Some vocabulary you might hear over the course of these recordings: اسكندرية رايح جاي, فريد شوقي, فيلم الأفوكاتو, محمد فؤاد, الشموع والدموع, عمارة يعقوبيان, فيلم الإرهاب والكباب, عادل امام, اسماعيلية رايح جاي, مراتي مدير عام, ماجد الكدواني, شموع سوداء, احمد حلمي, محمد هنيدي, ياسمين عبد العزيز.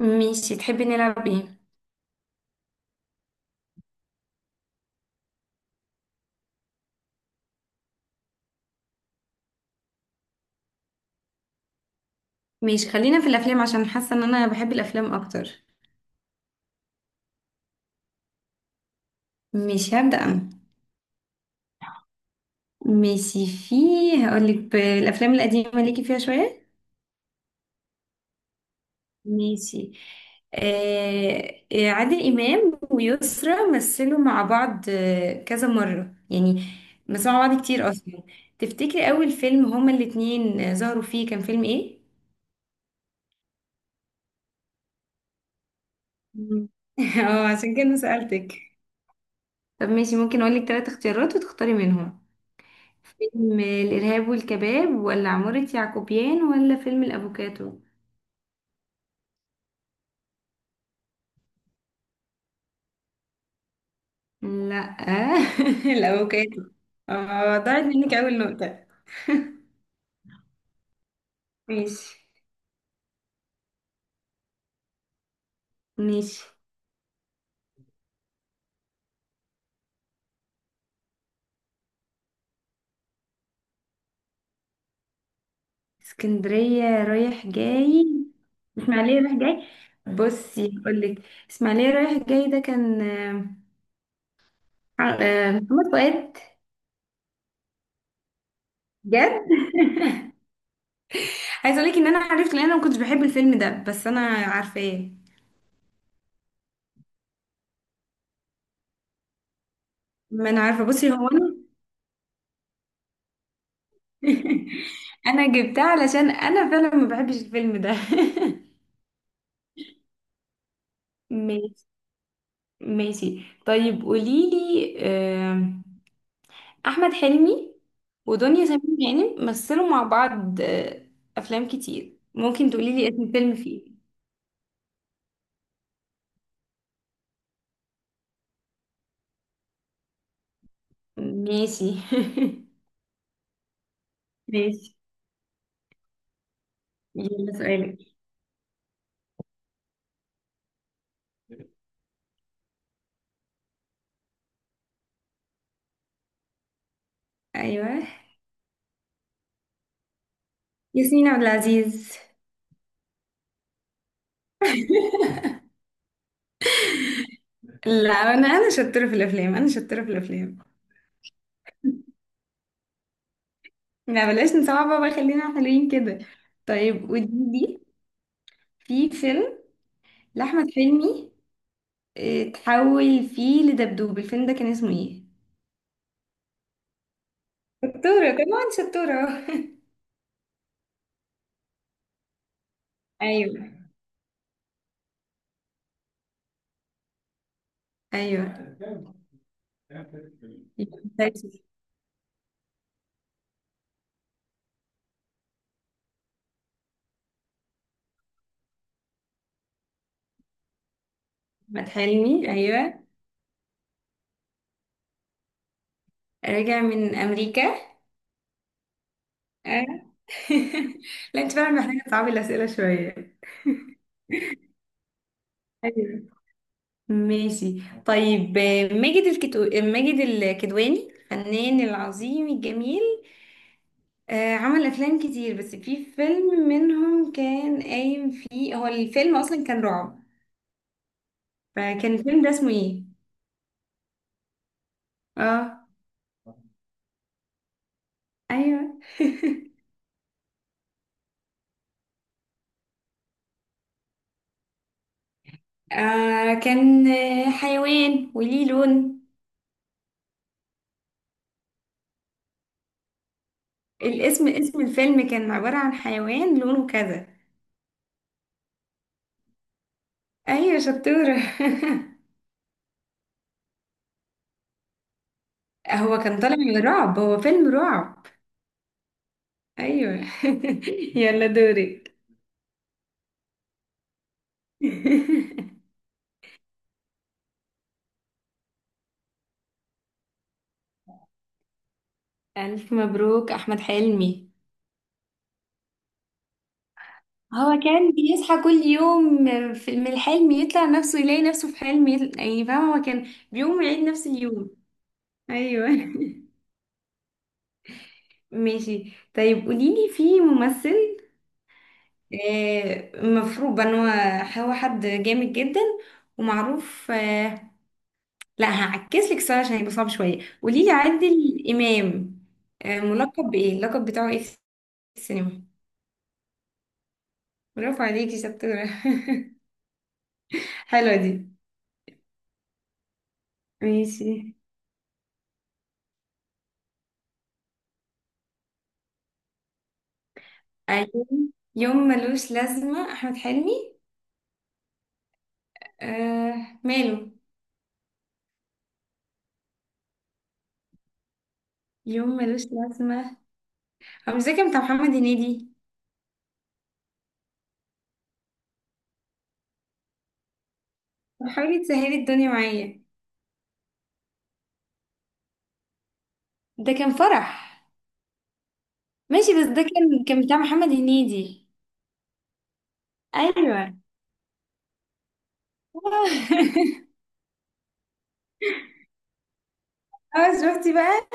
ماشي، تحبي نلعب ايه؟ ماشي، خلينا في الافلام عشان حاسه ان انا بحب الافلام اكتر. ماشي، هبدأ انا. ماشي. في، هقولك بالافلام القديمه ليكي فيها شويه. ماشي. عادل امام ويسرا مثلوا مع بعض كذا مره يعني. مثلوا مع بعض كتير اصلا. تفتكري اول فيلم هما الاتنين ظهروا فيه كان فيلم ايه؟ مم. اه، عشان كده سألتك. طب ماشي، ممكن اقولك ثلاث اختيارات وتختاري منهم. فيلم الإرهاب والكباب ولا عمارة يعقوبيان ولا فيلم الأفوكاتو. لا. الأفوكاتو. اه، ضاعت منك أول نقطة. ماشي. ماشي. اسكندرية رايح جاي. اسماعيلية رايح جاي. بصي، هقولك. اسماعيلية رايح جاي ده كان محمد فؤاد. جد. عايزة أقولك إن أنا عرفت لأن أنا ما كنتش بحب الفيلم ده بس أنا عارفاه. ما أنا عارفة، بصي هو أنا. انا جبتها علشان انا فعلا ما بحبش الفيلم ده. ماشي. ماشي طيب قوليلي. آم، احمد حلمي ودنيا سمير غانم مثلوا مع بعض افلام كتير. ممكن تقوليلي اسم فيلم فيه. ماشي. ماشي، يلا سؤالك. ايوه، ياسمين عبد العزيز. لا، انا شطوره في الافلام، انا شطوره في الافلام. لا بلاش نصعب بقى، خلينا حلوين كده. طيب ودي. في فيلم لأحمد حلمي تحول فيه لدبدوب، الفيلم ده كان اسمه ايه؟ شطورة، كمان شطورة. ايوه. ايوه، مسلسل. احمد حلمي. ايوه. راجع من امريكا. آه. لا، انت فعلا محتاجه تصعبي الاسئله شويه. ايوه. ماشي. طيب آه، ماجد الكتو... آه، ماجد الكدواني الفنان العظيم الجميل عمل افلام كتير. بس في فيلم منهم كان قايم فيه، هو الفيلم اصلا كان رعب. فكان الفيلم ده اسمه ايه؟ اه. ايوه. كان حيوان وليه لون. الاسم، اسم الفيلم كان عبارة عن حيوان لونه كذا. ايوه، شطورة. هو كان طالع من رعب، هو فيلم رعب. ايوه. يلا دورك. الف مبروك، احمد حلمي. هو كان بيصحى كل يوم من الحلم يطلع نفسه، يلاقي نفسه في حلم يعني فاهمة، هو كان بيقوم يعيد نفس اليوم. ايوه. ماشي طيب قوليلي، في ممثل مفروض ان هو، هو حد جامد جدا ومعروف لا، هعكس لك السؤال عشان يبقى صعب شويه. قوليلي عادل امام ملقب بايه، اللقب بتاعه ايه في السينما؟ برافو عليكي، شطوره. حلوه دي. ماشي. ايوه. يوم ملوش لازمه، احمد حلمي. آه ماله. يوم ملوش لازمه. أنا مش فاكرة، بتاع محمد هنيدي. طب حاولي تسهلي الدنيا معايا. ده كان فرح. ماشي بس ده كان بتاع محمد هنيدي. ايوه. اه شفتي بقى.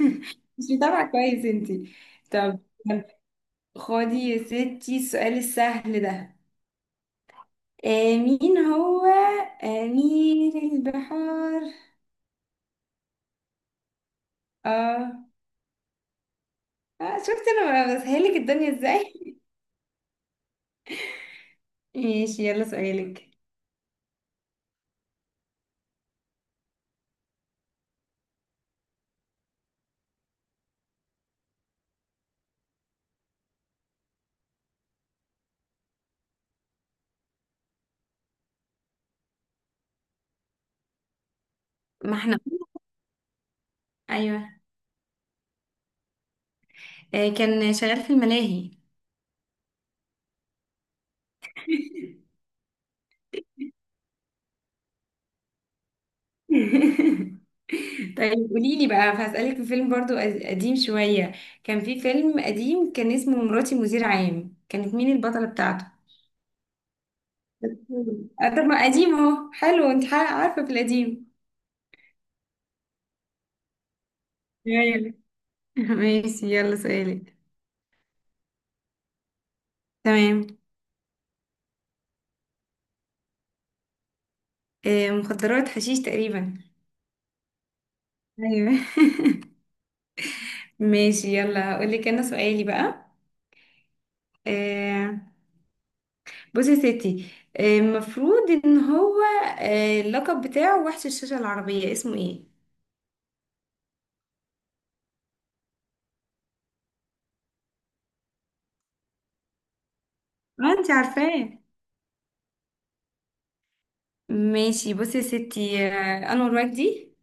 مش متابعة كويس انتي. طب خدي يا ستي السؤال السهل ده. مين هو أمير البحار؟ اه. اه شفتي، انا بسهلك الدنيا ازاي. ماشي، يلا سؤالك. ما احنا. ايوه. كان شغال في الملاهي. طيب قولي لي بقى، هسألك في فيلم برضو قديم شوية. كان في فيلم قديم كان اسمه مراتي مدير عام، كانت مين البطلة بتاعته؟ طب ما قديم اهو، حلو. انت عارفة في القديم. ايوه. ماشي، يلا سؤالك. تمام. مخدرات، حشيش تقريبا. ايوه. ماشي، يلا هقولك انا سؤالي بقى. آه، بصي يا ستي المفروض ان هو اللقب بتاعه وحش الشاشة العربية، اسمه ايه؟ اه، انت عارفاه. ماشي، بصي يا ستي انور مجدي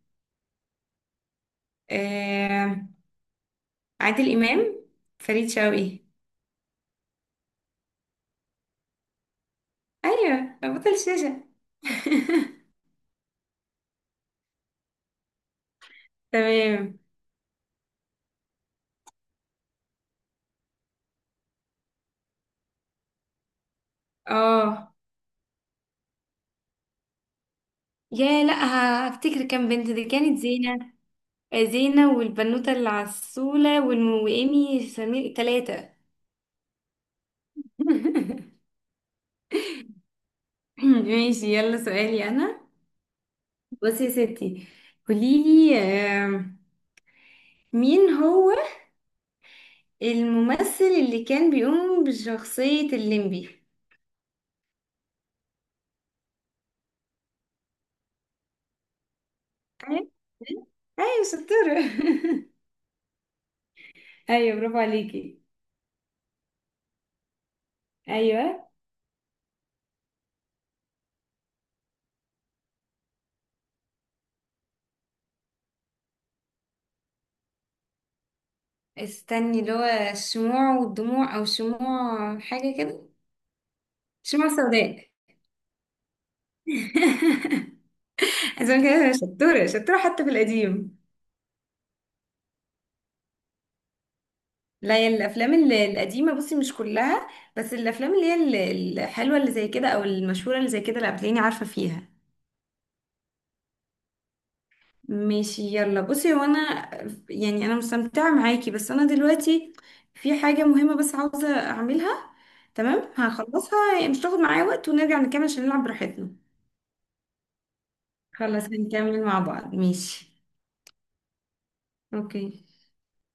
آه، عادل امام، فريد شوقي. ايوه، بطل الشاشه. تمام. اه. يا لا، هفتكر كام بنت. دي كانت زينة. زينة والبنوتة العسولة وإيمي سمير، تلاتة. ماشي، يلا سؤالي أنا. بصي يا ستي، قوليلي مين هو الممثل اللي كان بيقوم بشخصية الليمبي؟ أيوة. ايوه، شطورة. أيوة، برافو عليكي. أيوة. استني، اللي هو الشموع والدموع او شموع حاجة كده. شموع سوداء. عشان كده شطورة، شطورة حتى في القديم. لا، هي الافلام القديمة، بصي، مش كلها. بس الافلام اللي هي الحلوة اللي زي كده او المشهورة اللي زي كده، لا بتلاقيني عارفة فيها. ماشي، يلا بصي، هو انا يعني انا مستمتعه معاكي بس انا دلوقتي في حاجه مهمه بس عاوزه اعملها. تمام، هخلصها يعني مش تاخد معايا وقت ونرجع نكمل عشان نلعب براحتنا. خلاص هنكمل مع بعض. ماشي. اوكي.